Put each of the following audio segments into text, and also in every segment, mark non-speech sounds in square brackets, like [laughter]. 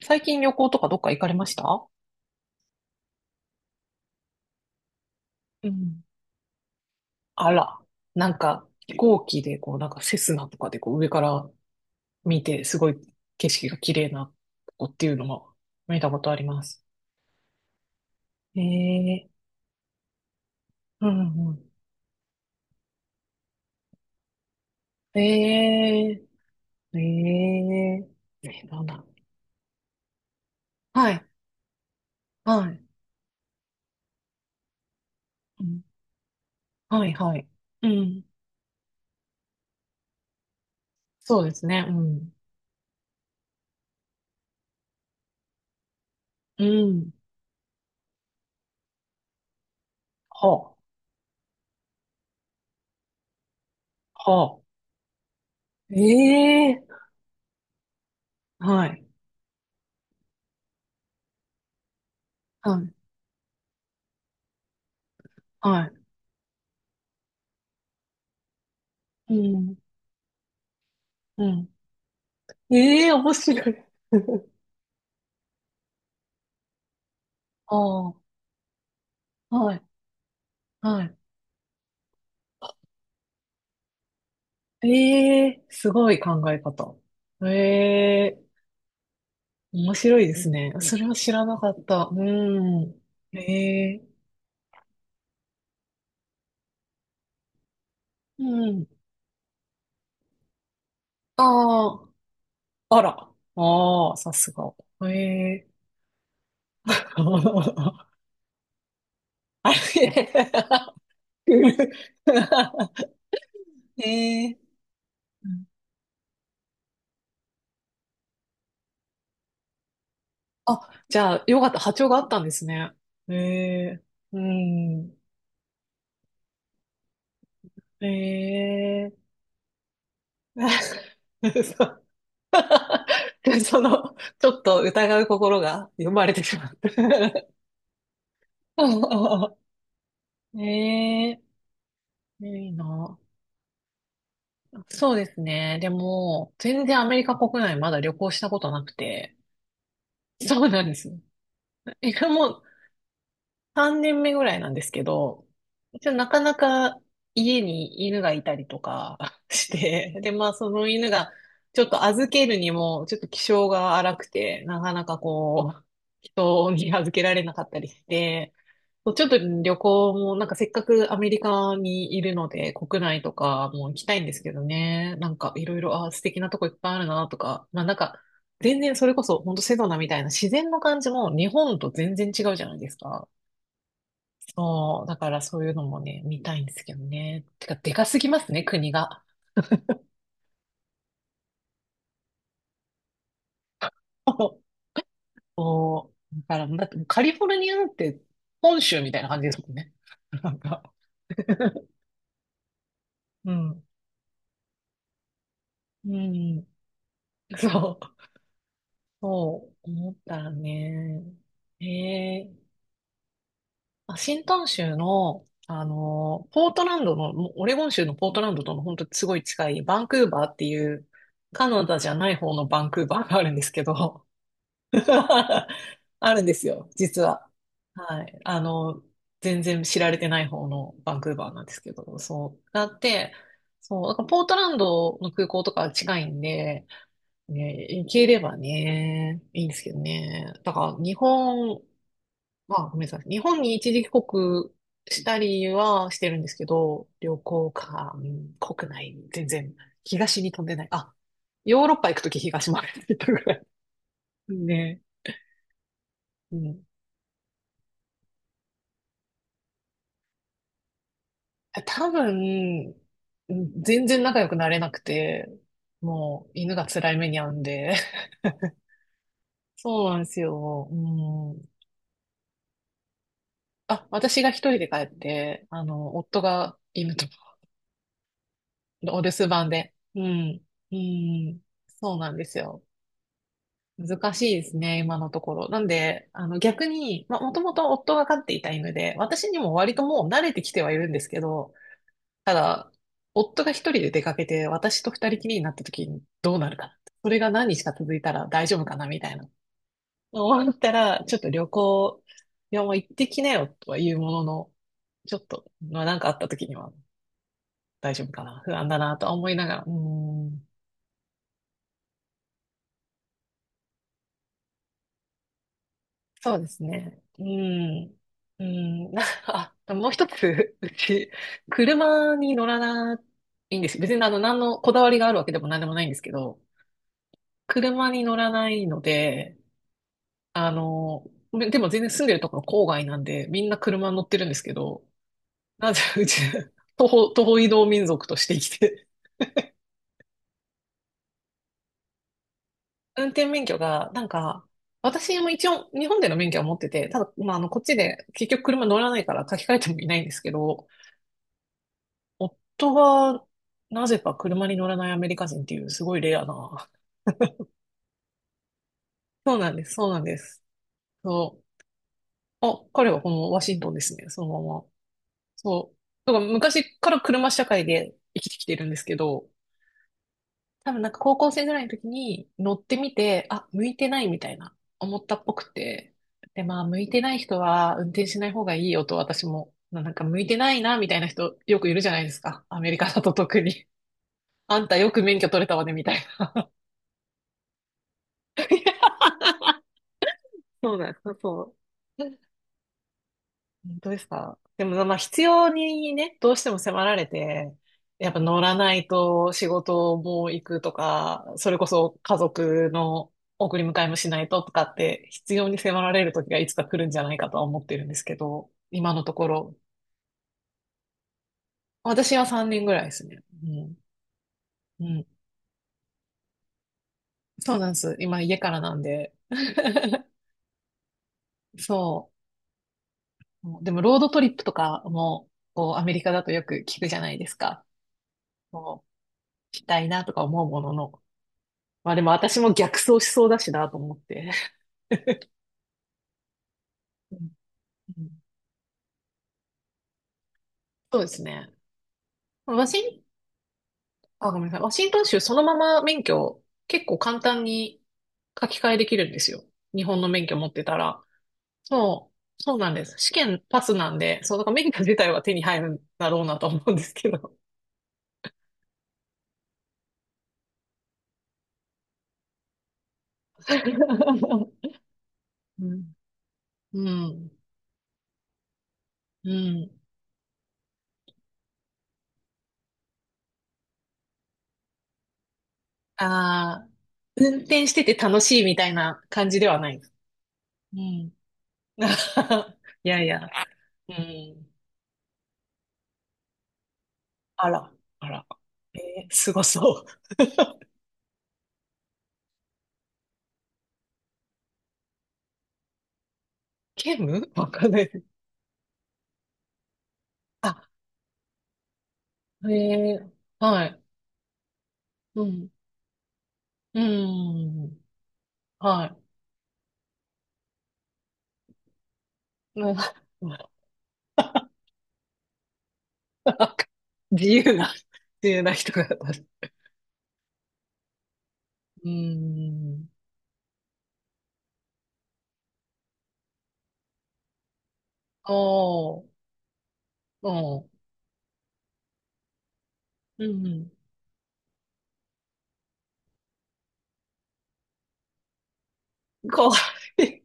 最近旅行とかどっか行かれました？うん。あら、なんか飛行機でこうなんかセスナとかでこう上から見てすごい景色が綺麗なとこっていうのも見たことあります。ええーうんうん。ええーええーえなんだ。はい、はい、うんはい、はい。うん。そうですね、うん。うん。はあ、はあ。ええーはい、はい、はい。うん、うん。ええ面白い。[laughs] ああ、はい、はい。ええすごい考え方。ええ面白いですね。それは知らなかった。うん。ええうん。ああ、あら。ああ、さすが。ええ [laughs] あれ [laughs] ええうあ、じゃあ、よかった。波長があったんですね。ええうん。ええ [laughs] [laughs] その、ちょっと疑う心が生まれてしまった。[laughs] ええいいな。そうですね。でも、全然アメリカ国内まだ旅行したことなくて。そうなんですよ。え、もう3年目ぐらいなんですけど、一応なかなか家に犬がいたりとか [laughs] して、で、まあその犬がちょっと預けるにもちょっと気性が荒くて、なかなかこう、人に預けられなかったりして、そうちょっと旅行も、なんかせっかくアメリカにいるので、国内とかも行きたいんですけどね。なんかいろいろ、あー、素敵なとこいっぱいあるなとか、まあなんか、全然それこそ、ほんとセドナみたいな自然の感じも日本と全然違うじゃないですか。そう、だからそういうのもね、見たいんですけどね。てか、でかすぎますね、国が。[laughs] そう、だから、だってカリフォルニアなんて本州みたいな感じですもんね。なんか、[laughs] うん。うん。そう。そう、思ったね。ええあ、新端州の、あの、ポートランドの、もうオレゴン州のポートランドとの本当すごい近いバンクーバーっていう、カナダじゃない方のバンクーバーがあるんですけど、[laughs] あるんですよ、実は。はい。あの、全然知られてない方のバンクーバーなんですけど、そう。がって、そう、だからポートランドの空港とか近いんで、ね、行ければね、いいんですけどね。だから日本、まあごめんなさい。日本に一時帰国したりはしてるんですけど、旅行か、うん、国内、全然東に飛んでない。あ、ヨーロッパ行くとき東まで行ったぐらい。ね。うん。多分、うん全然仲良くなれなくて、もう犬が辛い目に遭うんで。[laughs] そうなんですよ。うん。あ、私が一人で帰って、あの、夫が犬とお留守番で。うん。うん。そうなんですよ。難しいですね、今のところ。なんで、あの、逆に、まあ、もともと夫が飼っていた犬で、私にも割ともう慣れてきてはいるんですけど、ただ、夫が一人で出かけて、私と二人きりになった時にどうなるかな。それが何日か続いたら大丈夫かな、みたいな。思ったら、ちょっと旅行、いや、もう行ってきなよ、とは言うものの、ちょっと、まあ、なんかあった時には大丈夫かな、不安だな、とは思いながら、うーん。そうですね。うん。うん。なんかあ、もう一つ、[laughs] うち、車に乗らないんですよ。別にあの、何のこだわりがあるわけでも何でもないんですけど、車に乗らないので、あの、でも全然住んでるところ郊外なんで、みんな車乗ってるんですけど、なぜうち、徒歩移動民族として生きて、運転免許が、なんか、私も一応日本での免許は持ってて、ただ、まあ、あの、こっちで結局車乗らないから書き換えてもいないんですけど、夫が、なぜか車に乗らないアメリカ人っていう、すごいレアな。[laughs] そうなんです、そうなんです。そう。あ、彼はこのワシントンですね、そのまま。そう。だから昔から車社会で生きてきてるんですけど、多分なんか高校生ぐらいの時に乗ってみて、あ、向いてないみたいな、思ったっぽくて。で、まあ、向いてない人は運転しない方がいいよと私も、なんか向いてないな、みたいな人よくいるじゃないですか。アメリカだと特に。[laughs] あんたよく免許取れたわね、みたいな。[laughs] そうなんです。そう。どうですかでも、まあ、必要にね、どうしても迫られて、やっぱ乗らないと仕事も行くとか、それこそ家族の送り迎えもしないととかって、必要に迫られる時がいつか来るんじゃないかとは思ってるんですけど、今のところ。私は3人ぐらいですね。うん。うん。そうなんです。今家からなんで。[laughs] そう。でも、ロードトリップとかも、こう、アメリカだとよく聞くじゃないですか。こしたいなとか思うものの、まあでも私も逆走しそうだしなと思って。うんうんそうですね。ワシン、あ、ごめんなさい。ワシントン州そのまま免許結構簡単に書き換えできるんですよ。日本の免許持ってたら。そう、そうなんです。試験パスなんで、そう、だから免許自体は手に入るんだろうなと思うんですけど。[laughs] うん。うん。うん。ああ、運転してて楽しいみたいな感じではないです。うん。[laughs] いやいや、うん。あら、あら。えー、すごそう。[laughs] ケムわかんない。あ、えー、はい。うん、うん、はい。うん、[laughs] 自由な、自由な人が、うん、おー、おん、うん、怖い。い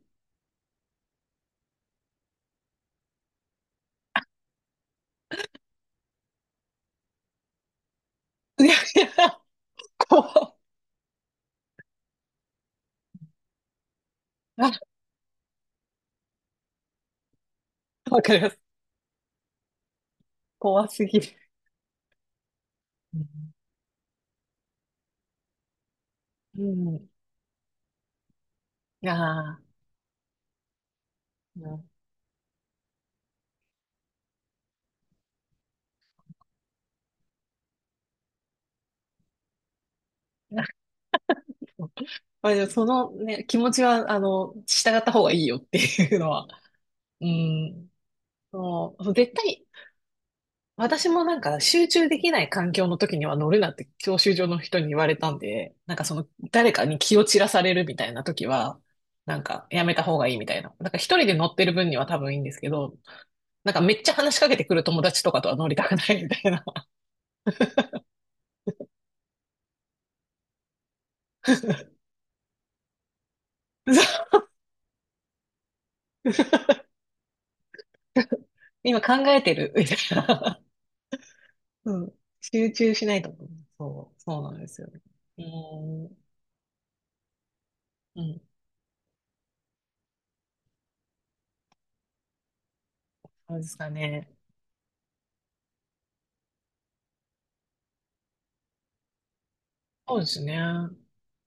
やいや、怖い。あ、わかります。怖すぎる。うん、うん、ああ、うん。まあ、でもそのね、気持ちは、あの、従った方がいいよっていうのは。うん。そう絶対、私もなんか集中できない環境の時には乗るなって教習所の人に言われたんで、なんかその誰かに気を散らされるみたいな時は、なんかやめた方がいいみたいな。なんか一人で乗ってる分には多分いいんですけど、なんかめっちゃ話しかけてくる友達とかとは乗りたくないみたいな。[laughs] 今考えてるみたいな。うん、集中しないと思う。そう、そうなんですよね。うーん、うん、そうですかね。そうですね。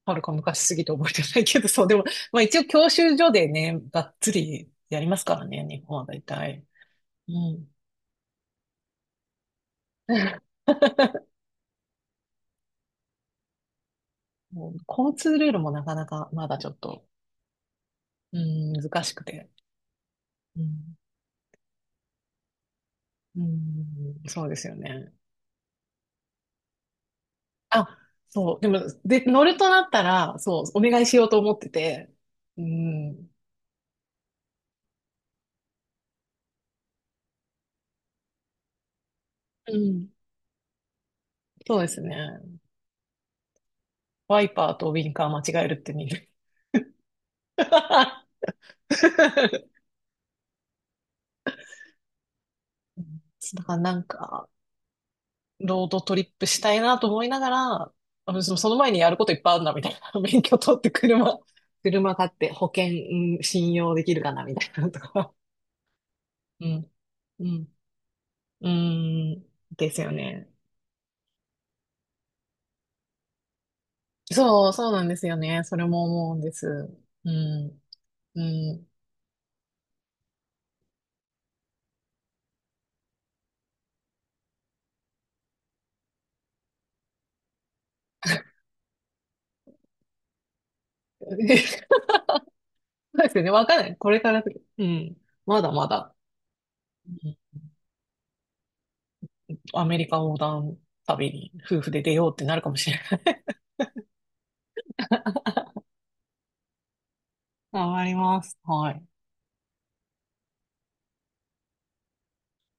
はるか昔すぎて覚えてないけど、そう、でも、まあ一応教習所でね、がっつりやりますからね、日本は大体。うん。[laughs] もう交通ルールもなかなかまだちょっと、うん、難しくて。うん、うんそうですよね。あ、そう、でも、で、乗るとなったら、そう、お願いしようと思ってて、うん、うんそうですね。ワイパーとウィンカー間違えるって見る。[laughs] うんだからなんか、ロードトリップしたいなと思いながら、あでもその前にやることいっぱいあるな、みたいな。[laughs] 免許取って車、車買って保険、うん信用できるかな、みたいなのとか。うん。うん。うん。ですよね。そう、そうなんですよね。それも思うんです。うん。うん。[laughs] そうですよね。わかんない。これから、うん。まだまだ。アメリカ横断旅に夫婦で出ようってなるかもしれない。[laughs] 頑張ります。はい。